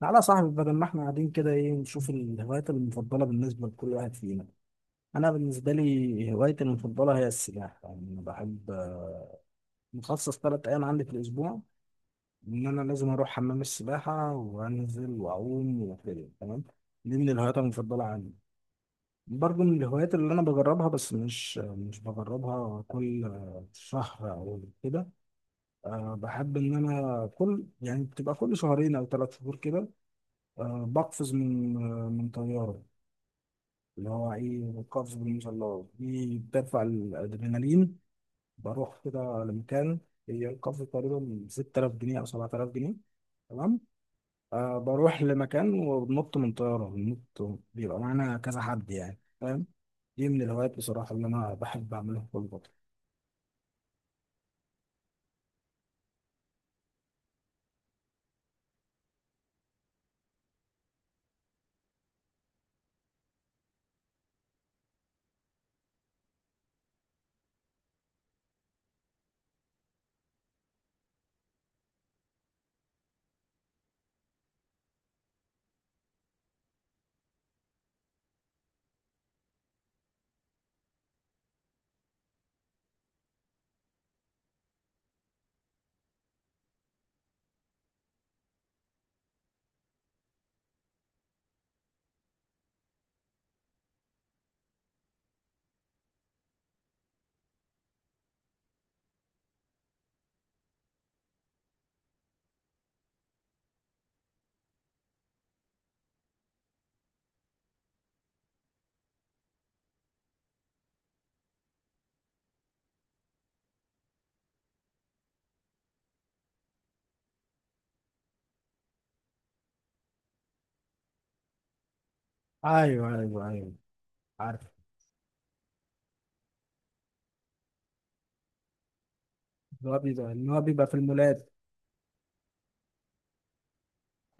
تعالى يا صاحبي، بدل ما احنا قاعدين كده، ايه نشوف الهوايات المفضلة بالنسبة لكل واحد فينا. انا بالنسبة لي هوايتي المفضلة هي السباحة، يعني انا بحب مخصص 3 ايام عندي في الاسبوع ان انا لازم اروح حمام السباحة وانزل واعوم وكده. تمام، دي من الهوايات المفضلة عندي. برضه من الهوايات اللي انا بجربها، بس مش بجربها كل شهر او كده. بحب ان انا كل، يعني بتبقى كل شهرين او 3 شهور كده. بقفز من طيارة، اللي هو ايه القفز بالمظلات، دي بترفع الادرينالين. بروح كده لمكان، هي القفز تقريبا 6000 جنيه او 7000 جنيه. تمام، بروح لمكان وبنط من طياره، بننط بيبقى معانا كذا حد، يعني فاهم. دي من الهوايات بصراحه اللي انا بحب اعملها كل فتره. ايوه، ايوه، ايوه، عارف. اللي هو بيبقى في المولات.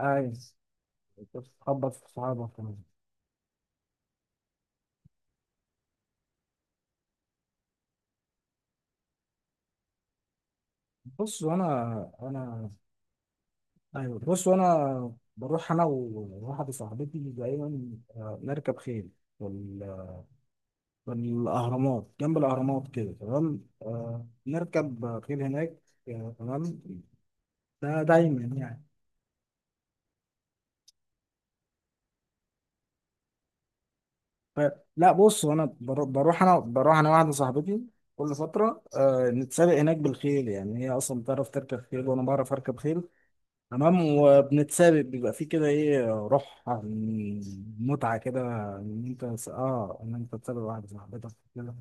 عايز تخبط في صحابك. بص، انا ايوه، بص انا بروح انا وواحده صاحبتي دايما. نركب خيل. وال- والاهرامات جنب الاهرامات كده. تمام، نركب خيل هناك. تمام، ده دايما يعني. ف... لا، بص انا بروح انا واحده صاحبتي كل فتره. نتسابق هناك بالخيل، يعني هي اصلا بتعرف تركب خيل وانا بعرف اركب خيل. تمام، وبنتسابق، بيبقى فيه كده ايه، روح متعة كده، ان انت ان انت تسابق واحدة صاحبتك كده.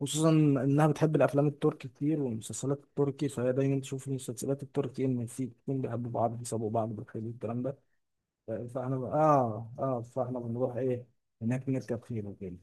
خصوصا انها بتحب الافلام التركي كتير والمسلسلات التركي، فهي دايما تشوف المسلسلات التركي ان في اتنين بيحبوا بعض بيسابقوا بعض بالخيل والكلام ده. ف- فاحنا ب- اه اه فاحنا بنروح ايه هناك نركب خيل وكده.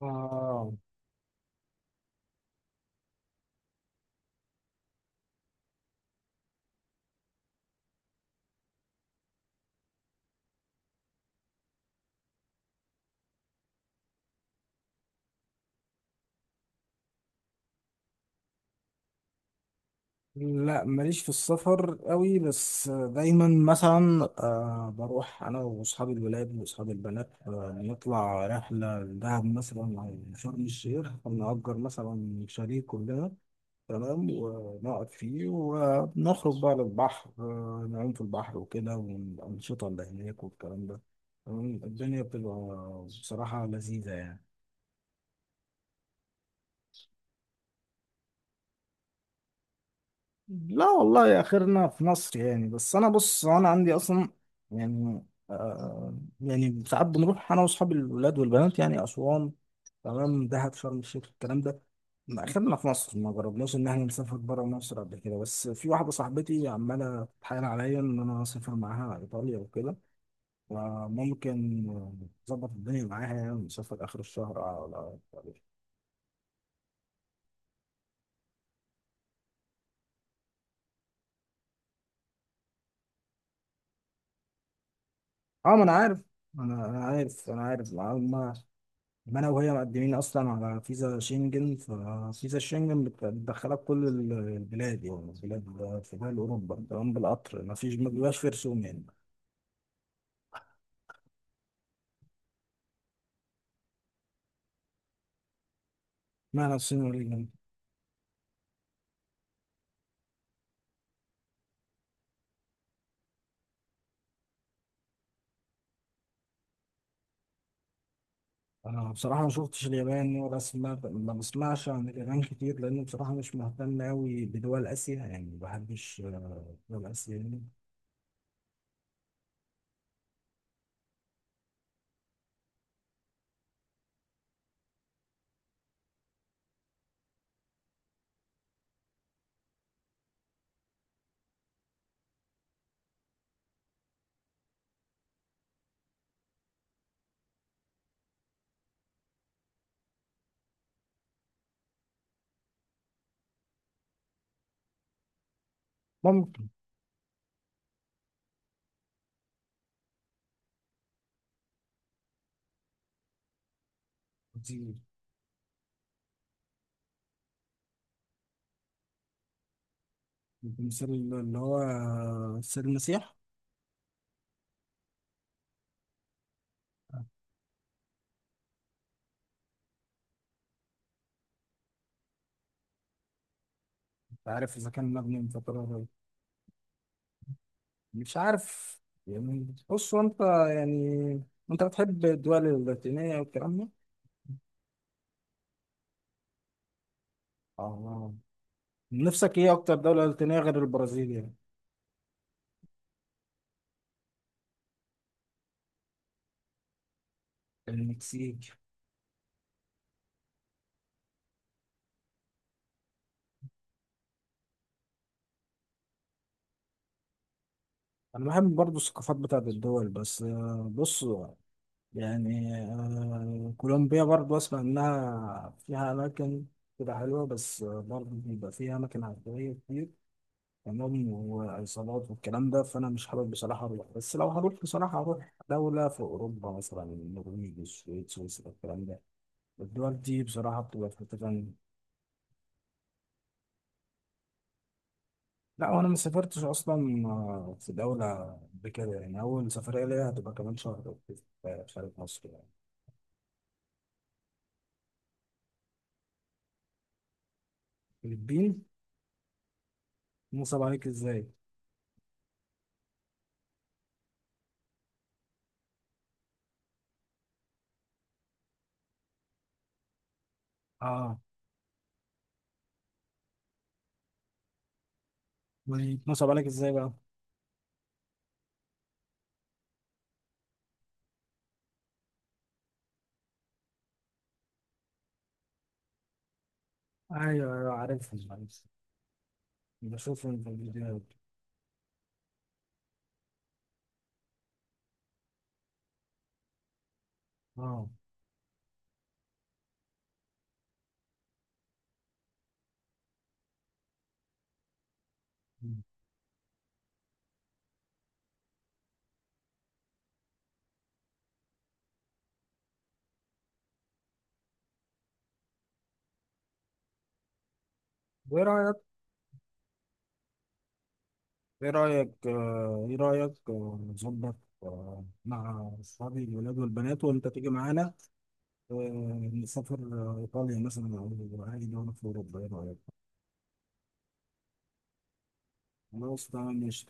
اه، لا ماليش في السفر قوي، بس دايما مثلا بروح انا واصحاب الولاد واصحاب البنات، نطلع رحله لدهب مثلا او شرم الشيخ، نأجر مثلا شاليه كلنا. تمام، ونقعد فيه ونخرج بقى للبحر، نعوم في البحر وكده والانشطه اللي هناك والكلام ده. تمام، الدنيا بتبقى بصراحه لذيذه يعني. لا والله، يا اخرنا في مصر يعني، بس انا بص انا عندي اصلا يعني. آه يعني ساعات بنروح انا واصحابي الولاد والبنات يعني اسوان، تمام، دهب، شرم الشيخ، الكلام ده. ما اخرنا في مصر، ما جربناش ان احنا نسافر بره مصر قبل كده، بس في واحده صاحبتي عماله تتحايل عليا ان انا اسافر معاها ايطاليا وكده، وممكن اظبط الدنيا معاها يعني ونسافر اخر الشهر على اه، ما انا عارف، انا عارف. ما انا وهي مقدمين اصلا على فيزا شنجن، ففيزا الشنجن بتدخلك كل البلاد، يعني البلاد في دول اوروبا. تمام، بالقطر ما فيش، ما بيبقاش في رسوم يعني. معنى الصين واليابان. انا بصراحه ما شفتش اليابان ولا سمعت، ما بسمعش عن اليابان كتير، لان بصراحه مش مهتم قوي بدول اسيا يعني، ما بحبش دول اسيا يعني. ممكن. دي- مثل اللي هو سيد المسيح. عارف اذا كان مبني من فتره، مش عارف. يعني بص، هو انت يعني انت بتحب الدول اللاتينية والكلام ده؟ اه. نفسك ايه اكتر دولة لاتينية غير البرازيل يعني؟ المكسيك. انا بحب برضو الثقافات بتاعت الدول، بس بص يعني. كولومبيا برضو اسمع انها فيها اماكن كده حلوة، بس برضو بيبقى فيها اماكن عشوائية كتير. تمام، وعصابات والكلام ده، فانا مش حابب بصراحه اروح، بس لو هروح بصراحه هروح دوله في اوروبا مثلا النرويج، السويد، سويسرا، الكلام ده. الدول دي بصراحه بتبقى في حته تانية. لا، وانا ما سافرتش اصلا في دوله قبل كده يعني. اول سفريه ليا هتبقى كمان شهر أو كده في خارج مصر يعني. الفلبين. نصب عليك ازاي؟ اه. نصب عليك ازاي بقى؟ ايوه، ايوه، عارفهم، عارفهم. بشوفهم في الفيديوهات. اه. وايه رايك، ايه رأيك آه، ايه رأيك آه، نظبط مع اصحابي الولاد والبنات وانت تيجي معانا، نسافر ايطاليا مثلا او اي دولة في اوروبا، ايه رأيك؟ خلاص، تمام، ماشي.